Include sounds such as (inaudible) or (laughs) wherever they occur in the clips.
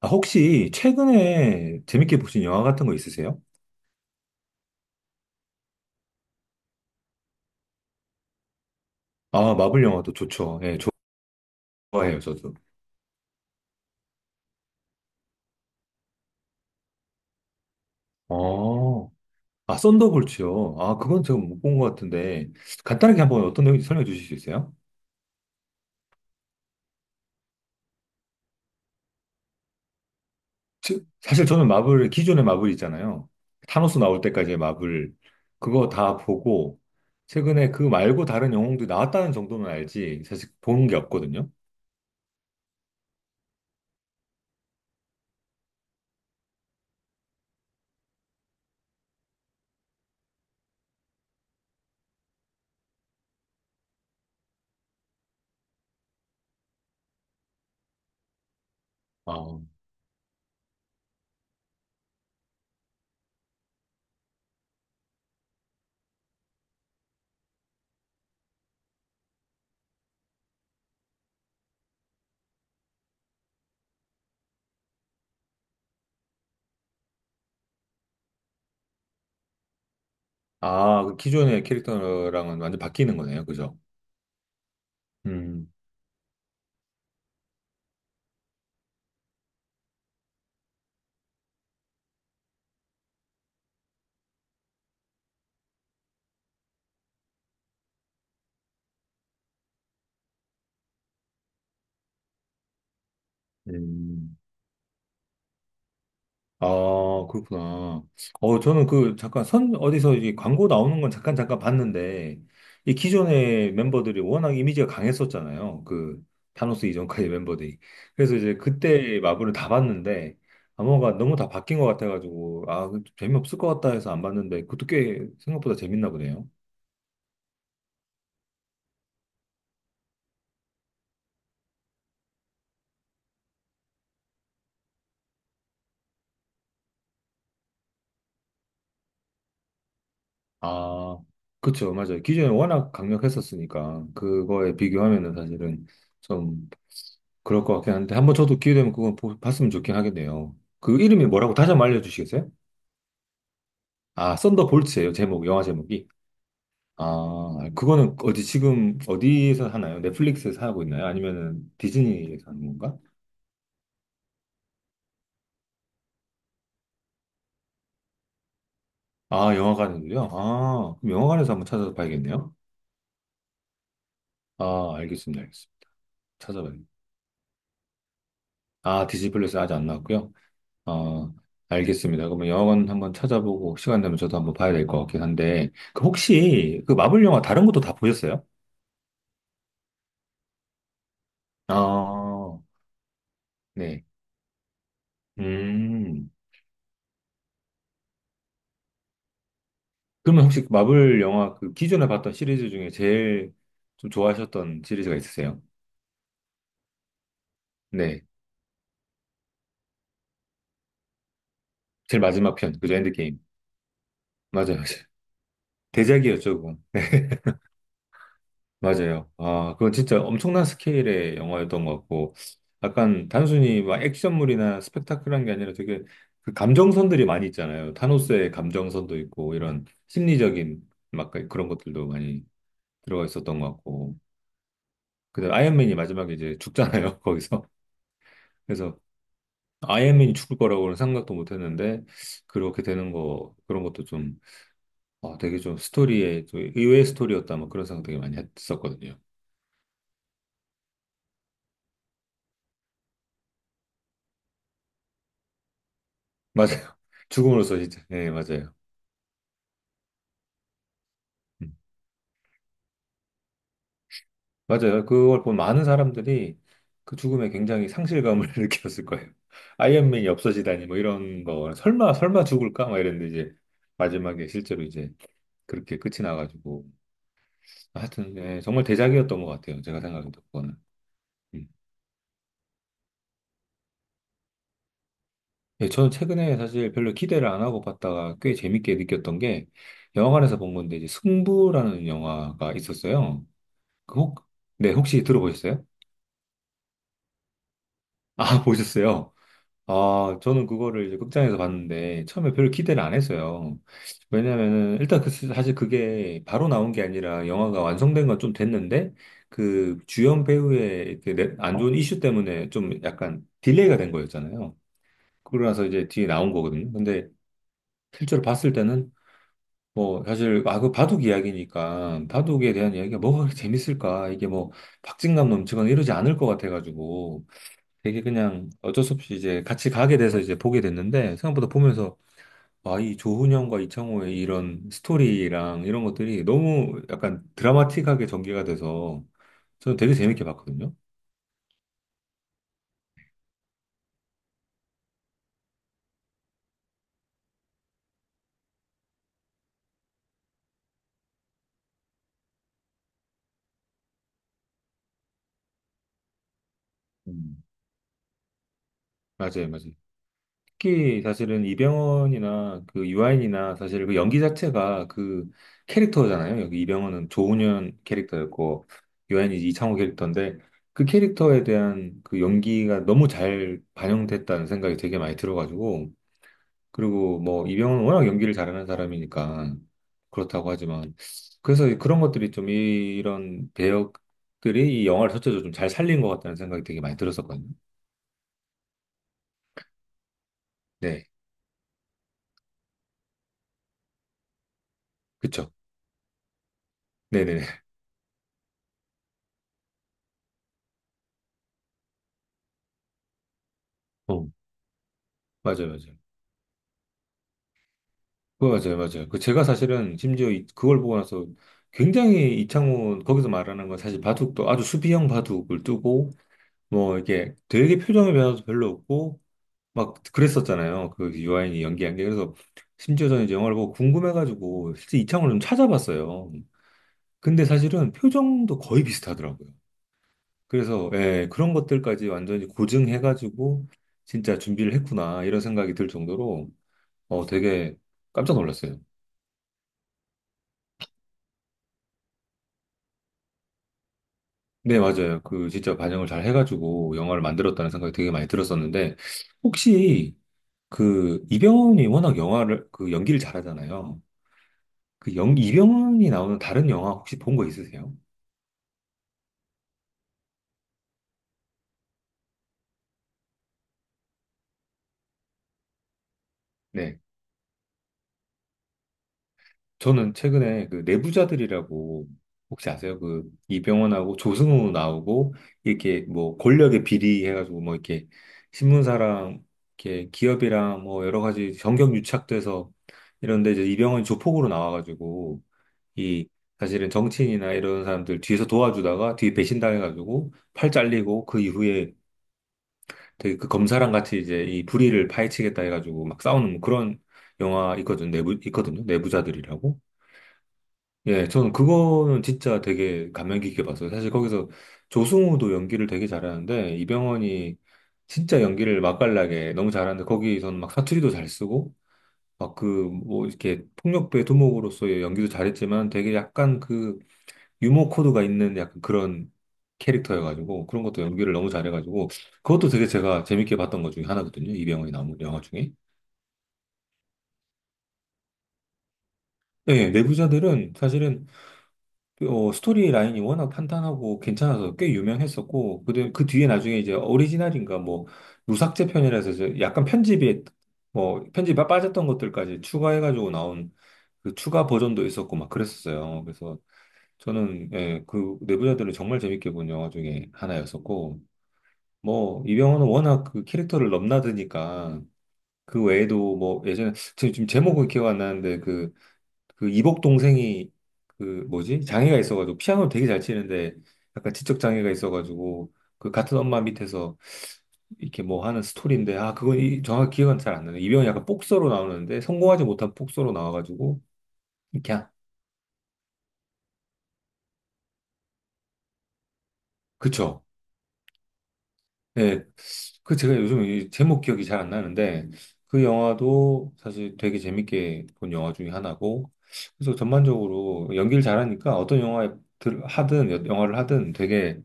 아, 혹시 최근에 재밌게 보신 영화 같은 거 있으세요? 아, 마블 영화도 좋죠. 예, 좋아해요, 저도. 어, 아, 썬더볼츠요. 아, 그건 제가 못 본 것 같은데, 간단하게 한번 어떤 내용인지 설명해 주실 수 있어요? 사실 저는 마블, 기존의 마블 있잖아요. 타노스 나올 때까지의 마블, 그거 다 보고, 최근에 그 말고 다른 영웅도 나왔다는 정도는 알지, 사실 본 게 없거든요. 아, 아, 그 기존의 캐릭터랑은 완전 바뀌는 거네요, 그죠? 음, 음. 아, 그렇구나. 어, 저는 그, 어디서 이 광고 나오는 건 잠깐 봤는데, 이 기존의 멤버들이 워낙 이미지가 강했었잖아요. 그, 타노스 이전까지 멤버들이. 그래서 이제 그때 마블을 다 봤는데, 암호가 너무 다 바뀐 것 같아가지고, 아, 그 재미없을 것 같다 해서 안 봤는데, 그것도 꽤 생각보다 재밌나 보네요. 아, 그쵸, 맞아요. 기존에 워낙 강력했었으니까, 그거에 비교하면은 사실은 좀 그럴 것 같긴 한데, 한번 저도 기회 되면 그건 봤으면 좋긴 하겠네요. 그 이름이 뭐라고 다시 한번 알려주시겠어요? 아, 썬더볼츠예요, 제목, 영화 제목이. 아, 그거는 어디 지금 어디에서 하나요? 넷플릭스에서 하고 있나요? 아니면은 디즈니에서 하는 건가? 아, 영화관에서요? 아, 그럼 영화관에서 한번 찾아서 봐야겠네요. 아, 알겠습니다, 알겠습니다. 찾아봐야겠다. 아, 디즈니 플러스 아직 안 나왔고요. 어, 알겠습니다. 그러면 영화관 한번 찾아보고 시간 되면 저도 한번 봐야 될 것 같긴 한데, 그 혹시 그 마블 영화 다른 것도 다 보셨어요? 아, 네. 음. 그러면 혹시 그 마블 영화 그 기존에 봤던 시리즈 중에 제일 좀 좋아하셨던 시리즈가 있으세요? 네. 제일 마지막 편, 그죠? 엔드게임. 맞아요, 맞아요. 대작이었죠, 그건. 맞아요. 아, 그건 진짜 엄청난 스케일의 영화였던 것 같고, 약간 단순히 막 액션물이나 스펙타클한 게 아니라 되게 그 감정선들이 많이 있잖아요. 타노스의 감정선도 있고, 이런 심리적인 막 그런 것들도 많이 들어가 있었던 것 같고. 근데 아이언맨이 마지막에 이제 죽잖아요, (laughs) 거기서. 그래서 아이언맨이 죽을 거라고는 생각도 못 했는데, 그렇게 되는 거, 그런 것도 좀, 아, 되게 좀 스토리에, 좀 의외의 스토리였다, 뭐 그런 생각 되게 많이 했었거든요. 맞아요. (laughs) 죽음으로써 진짜, 예, 맞아요. 맞아요. 그걸 본 많은 사람들이 그 죽음에 굉장히 상실감을 (laughs) 느꼈을 거예요. 아이언맨이 없어지다니 뭐 이런 거 설마 설마 죽을까 막 이랬는데 이제 마지막에 실제로 이제 그렇게 끝이 나가지고 하여튼 예, 정말 대작이었던 것 같아요. 제가 생각해도 그거는. 음. 예, 저는 최근에 사실 별로 기대를 안 하고 봤다가 꽤 재밌게 느꼈던 게 영화관에서 본 건데 이제 승부라는 영화가 있었어요. 그 혹, 네, 혹시 들어보셨어요? 아, (laughs) 보셨어요? 아, 저는 그거를 이제 극장에서 봤는데 처음에 별로 기대를 안 했어요. 왜냐면은 일단 그 사실 그게 바로 나온 게 아니라 영화가 완성된 건 좀 됐는데 그 주연 배우의 그 안 좋은 이슈 때문에 좀 약간 딜레이가 된 거였잖아요. 그러라서 이제 뒤에 나온 거거든요. 근데 실제로 봤을 때는 뭐 사실 아 그 바둑 이야기니까 바둑에 대한 이야기가 뭐가 그렇게 재밌을까 이게 뭐 박진감 넘치거나 이러지 않을 것 같아가지고 되게 그냥 어쩔 수 없이 이제 같이 가게 돼서 이제 보게 됐는데 생각보다 보면서 와, 이 조훈현과 이창호의 이런 스토리랑 이런 것들이 너무 약간 드라마틱하게 전개가 돼서 저는 되게 재밌게 봤거든요. 음. 맞아요, 맞아요. 특히 사실은 이병헌이나 그 유아인이나 사실 그 연기 자체가 그 캐릭터잖아요. 여기 이병헌은 조훈현 캐릭터였고 유아인이 이창호 캐릭터인데 그 캐릭터에 대한 그 연기가 너무 잘 반영됐다는 생각이 되게 많이 들어가지고 그리고 뭐 이병헌은 워낙 연기를 잘하는 사람이니까 그렇다고 하지만 그래서 그런 것들이 좀 이런 배역들이 이 영화를 전체적으로 좀 잘 살린 것 같다는 생각이 되게 많이 들었었거든요. 네, 그쵸. 네네네. 어, 맞아요, 맞아요. 그거 맞아요, 맞아요. 그 제가 사실은 심지어 그걸 보고 나서 굉장히 이창훈 거기서 말하는 건 사실 바둑도 아주 수비형 바둑을 두고 뭐 이게 되게 표정의 변화도 별로 없고 막 그랬었잖아요. 그 유아인이 연기한 게. 그래서 심지어 저는 이제 영화를 보고 궁금해가지고 실제 이창호를 좀 찾아봤어요. 근데 사실은 표정도 거의 비슷하더라고요. 그래서 예, 그런 것들까지 완전히 고증해가지고 진짜 준비를 했구나 이런 생각이 들 정도로 어, 되게 깜짝 놀랐어요. 네, 맞아요. 그 진짜 반영을 잘 해가지고 영화를 만들었다는 생각이 되게 많이 들었었는데 혹시 그 이병헌이 워낙 영화를 그 연기를 잘하잖아요. 그 영, 이병헌이 나오는 다른 영화 혹시 본 거 있으세요? 네. 저는 최근에 그 내부자들이라고 혹시 아세요? 그 이병헌하고 조승우 나오고 이렇게 뭐 권력의 비리 해가지고 뭐 이렇게 신문사랑 이렇게 기업이랑 뭐 여러 가지 정경 유착돼서 이런데 이제 이병헌이 조폭으로 나와가지고 이 사실은 정치인이나 이런 사람들 뒤에서 도와주다가 뒤에 배신당해가지고 팔 잘리고 그 이후에 되게 그 검사랑 같이 이제 이 불의를 파헤치겠다 해가지고 막 싸우는 뭐 그런 영화 있거든요. 내부자들이라고. 예, 저는 그거는 진짜 되게 감명 깊게 봤어요. 사실 거기서 조승우도 연기를 되게 잘하는데 이병헌이 진짜 연기를 맛깔나게 너무 잘하는데 거기서는 막 사투리도 잘 쓰고 막 그 뭐 이렇게 폭력배 두목으로서의 연기도 잘했지만 되게 약간 그 유머 코드가 있는 약간 그런 캐릭터여가지고 그런 것도 연기를 너무 잘해가지고 그것도 되게 제가 재밌게 봤던 것 중에 하나거든요. 이병헌이 나온 영화 중에. 네, 내부자들은 사실은 어, 스토리 라인이 워낙 탄탄하고 괜찮아서 꽤 유명했었고 그, 그 뒤에 나중에 이제 오리지널인가 뭐 무삭제 편이라서 이제 약간 편집이 뭐 편집이 빠졌던 것들까지 추가해가지고 나온 그 추가 버전도 있었고 막 그랬었어요. 그래서 저는 예, 그 내부자들은 정말 재밌게 본 영화 중에 하나였었고 뭐 이병헌은 워낙 그 캐릭터를 넘나드니까 그 외에도 뭐 예전에 지금 제목은 기억 안 나는데 그 그 이복 동생이 그 뭐지 장애가 있어가지고 피아노를 되게 잘 치는데 약간 지적 장애가 있어가지고 그 같은 엄마 밑에서 이렇게 뭐 하는 스토리인데 아 그건 이, 정확히 기억은 잘 안 나네 이병헌이 약간 복서로 나오는데 성공하지 못한 복서로 나와가지고 그냥 그쵸 네, 그 제가 요즘 이 제목 기억이 잘 안 나는데 그 영화도 사실 되게 재밌게 본 영화 중에 하나고 그래서 전반적으로 연기를 잘하니까 어떤 영화에 하든 영화를 하든 되게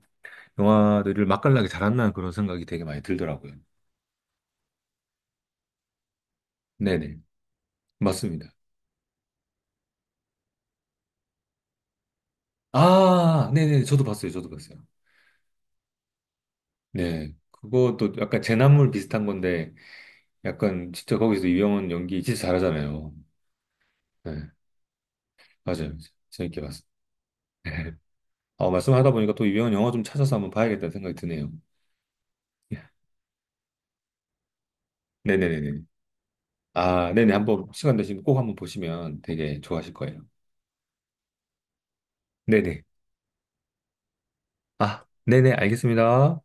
영화들을 맛깔나게 잘한다는 그런 생각이 되게 많이 들더라고요. 네네, 맞습니다. 아, 네네, 저도 봤어요, 저도 봤어요. 네, 그것도 약간 재난물 비슷한 건데 약간 진짜 거기서 유영은 연기 진짜 잘하잖아요. 네, 맞아요, 재밌게 봤어요. (laughs) 어, 말씀하다 보니까 또 유명한 영화 좀 찾아서 한번 봐야겠다는 생각이 드네요. (laughs) 예. 네네네네. 아, 네네. 한번 시간 되시면 꼭 한번 보시면 되게 좋아하실 거예요. 네네. 아, 네네. 알겠습니다.